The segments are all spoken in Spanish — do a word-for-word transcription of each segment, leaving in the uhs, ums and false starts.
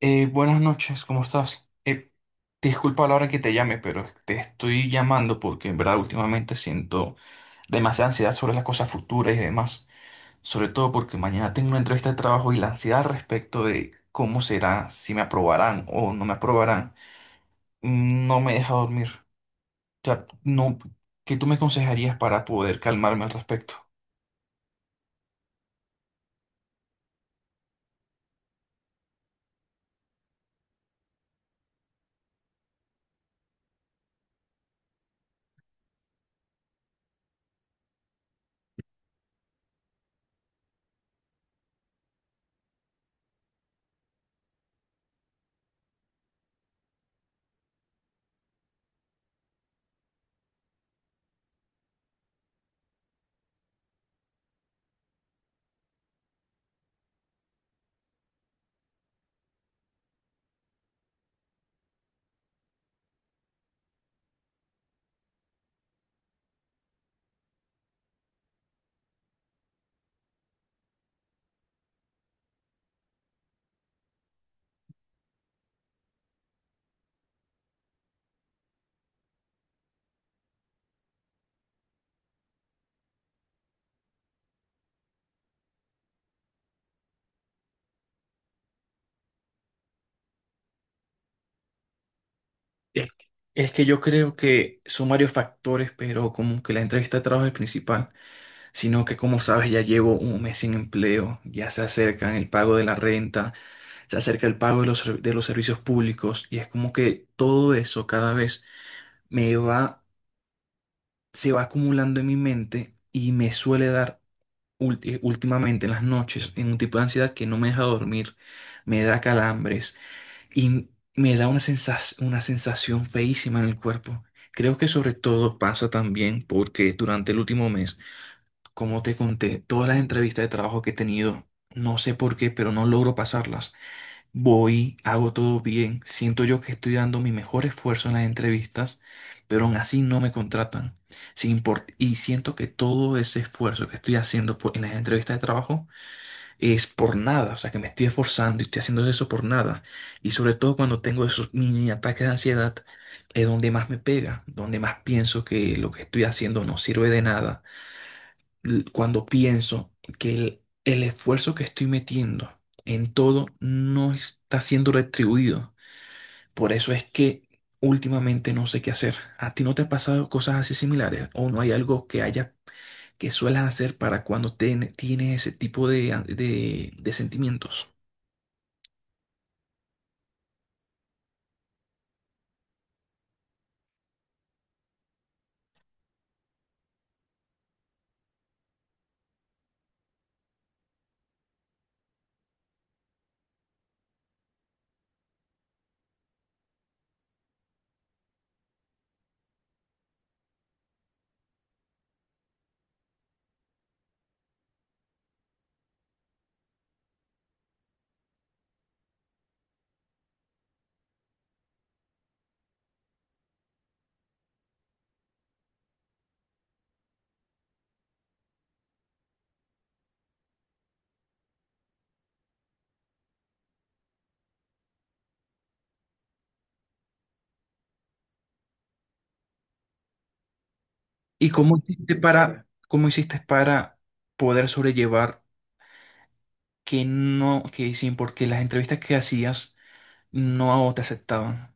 Eh, buenas noches, ¿cómo estás? Eh, disculpa la hora que te llame, pero te estoy llamando porque en verdad últimamente siento demasiada ansiedad sobre las cosas futuras y demás. Sobre todo porque mañana tengo una entrevista de trabajo y la ansiedad respecto de cómo será, si me aprobarán o no me aprobarán, mm, no me deja dormir. O sea, no, ¿qué tú me aconsejarías para poder calmarme al respecto? Es es que yo creo que son varios factores, pero como que la entrevista de trabajo es el principal. Sino que como sabes ya llevo un mes sin empleo, ya se acercan el pago de la renta, se acerca el pago de los, serv- de los servicios públicos y es como que todo eso cada vez me va, se va acumulando en mi mente y me suele dar ulti- últimamente en las noches en un tipo de ansiedad que no me deja dormir, me da calambres y me da una sensas- una sensación feísima en el cuerpo. Creo que sobre todo pasa también porque durante el último mes, como te conté, todas las entrevistas de trabajo que he tenido, no sé por qué, pero no logro pasarlas. Voy, hago todo bien, siento yo que estoy dando mi mejor esfuerzo en las entrevistas, pero aún así no me contratan. Sin import- y siento que todo ese esfuerzo que estoy haciendo por- en las entrevistas de trabajo es por nada, o sea, que me estoy esforzando y estoy haciendo eso por nada. Y sobre todo cuando tengo esos mini ataques de ansiedad, es donde más me pega, donde más pienso que lo que estoy haciendo no sirve de nada, l- cuando pienso que el, el esfuerzo que estoy metiendo en todo no está siendo retribuido. Por eso es que últimamente no sé qué hacer. ¿A ti no te ha pasado cosas así similares? ¿O no hay algo que haya que suelas hacer para cuando ten- tienes ese tipo de, an- de, de sentimientos? ¿Y cómo hiciste para, cómo hiciste para poder sobrellevar que no, que sin porque las entrevistas que hacías no te aceptaban?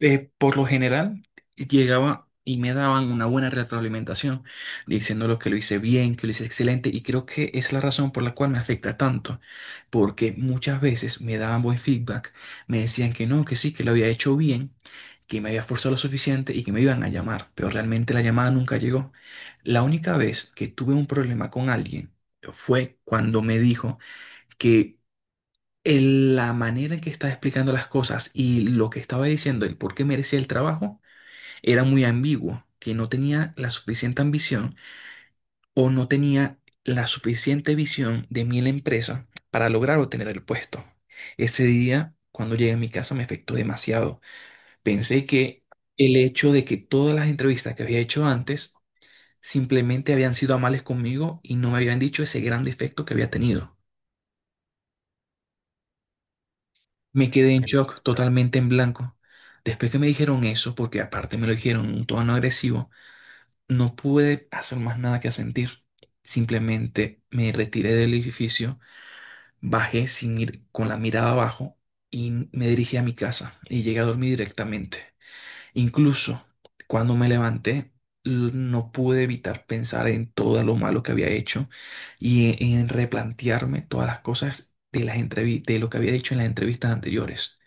Eh, por lo general llegaba y me daban una buena retroalimentación, diciéndolo que lo hice bien, que lo hice excelente, y creo que es la razón por la cual me afecta tanto, porque muchas veces me daban buen feedback, me decían que no, que sí, que lo había hecho bien, que me había esforzado lo suficiente y que me iban a llamar, pero realmente la llamada nunca llegó. La única vez que tuve un problema con alguien fue cuando me dijo que el- la manera en que estaba explicando las cosas y lo que estaba diciendo, el por qué merecía el trabajo, era muy ambiguo, que no tenía la suficiente ambición o no tenía la suficiente visión de mí en la empresa para lograr obtener el puesto. Ese día, cuando llegué a mi casa, me afectó demasiado. Pensé que el hecho de que todas las entrevistas que había hecho antes simplemente habían sido amables conmigo y no me habían dicho ese gran defecto que había tenido. Me quedé en shock, totalmente en blanco. Después que me dijeron eso, porque aparte me lo dijeron en un tono agresivo, no pude hacer más nada que sentir. Simplemente me retiré del edificio, bajé sin ir con la mirada abajo y me dirigí a mi casa y llegué a dormir directamente. Incluso cuando me levanté, l- no pude evitar pensar en todo lo malo que había hecho y en en replantearme todas las cosas de las entrevi- de lo que había dicho en las entrevistas anteriores.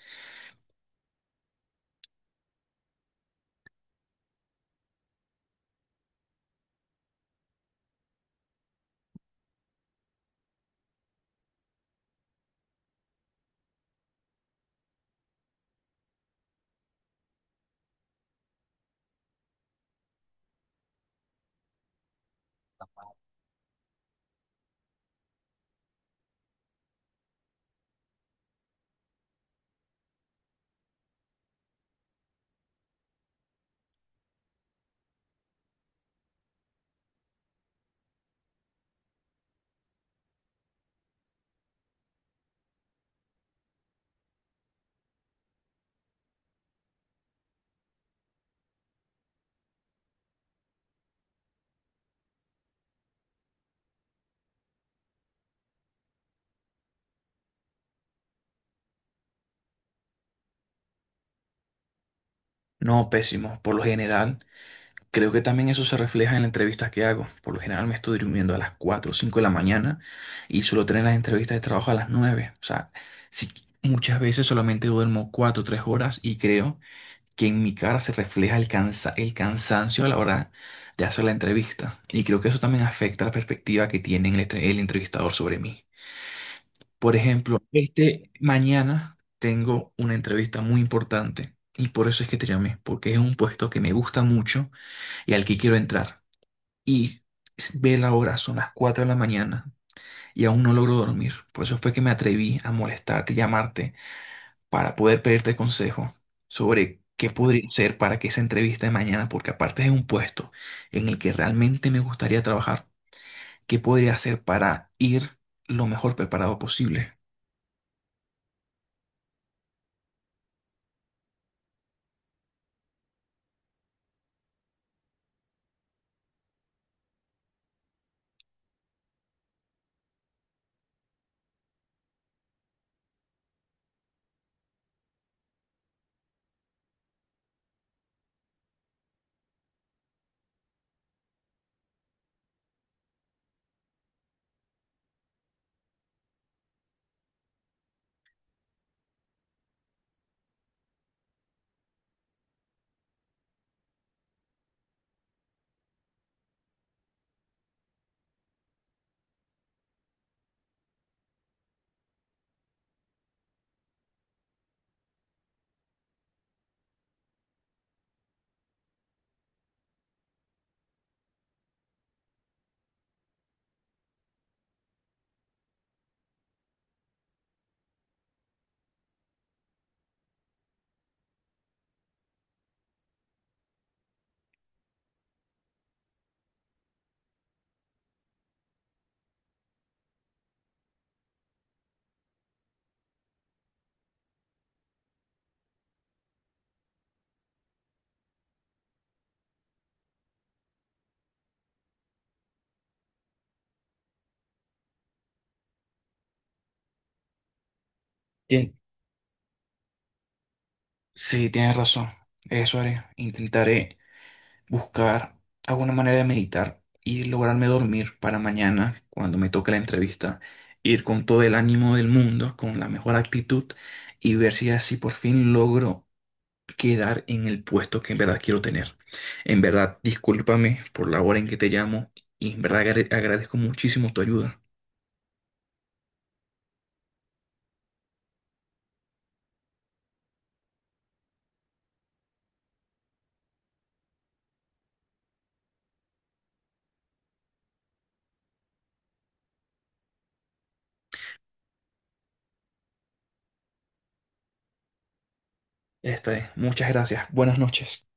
No, pésimo. Por lo general, creo que también eso se refleja en las entrevistas que hago. Por lo general me estoy durmiendo a las cuatro o cinco de la mañana y suelo tener las entrevistas de trabajo a las nueve. O sea, sí, muchas veces solamente duermo cuatro, o tres horas y creo que en mi cara se refleja el cansa- el cansancio a la hora de hacer la entrevista. Y creo que eso también afecta la perspectiva que tiene el, entre- el entrevistador sobre mí. Por ejemplo, este mañana tengo una entrevista muy importante y por eso es que te llamé, porque es un puesto que me gusta mucho y al que quiero entrar. Y s- ve la hora, son las cuatro de la mañana y aún no logro dormir. Por eso fue que me atreví a molestarte, llamarte, para poder pedirte consejo sobre qué podría hacer para que esa entrevista de mañana, porque aparte es un puesto en el que realmente me gustaría trabajar, qué podría hacer para ir lo mejor preparado posible. Sí, tienes razón. Eso haré. Intentaré buscar alguna manera de meditar y lograrme dormir para mañana, cuando me toque la entrevista, ir con todo el ánimo del mundo, con la mejor actitud y ver si así por fin logro quedar en el puesto que en verdad quiero tener. En verdad, discúlpame por la hora en que te llamo y en verdad agra- agradezco muchísimo tu ayuda. Esta es. Muchas gracias. Buenas noches.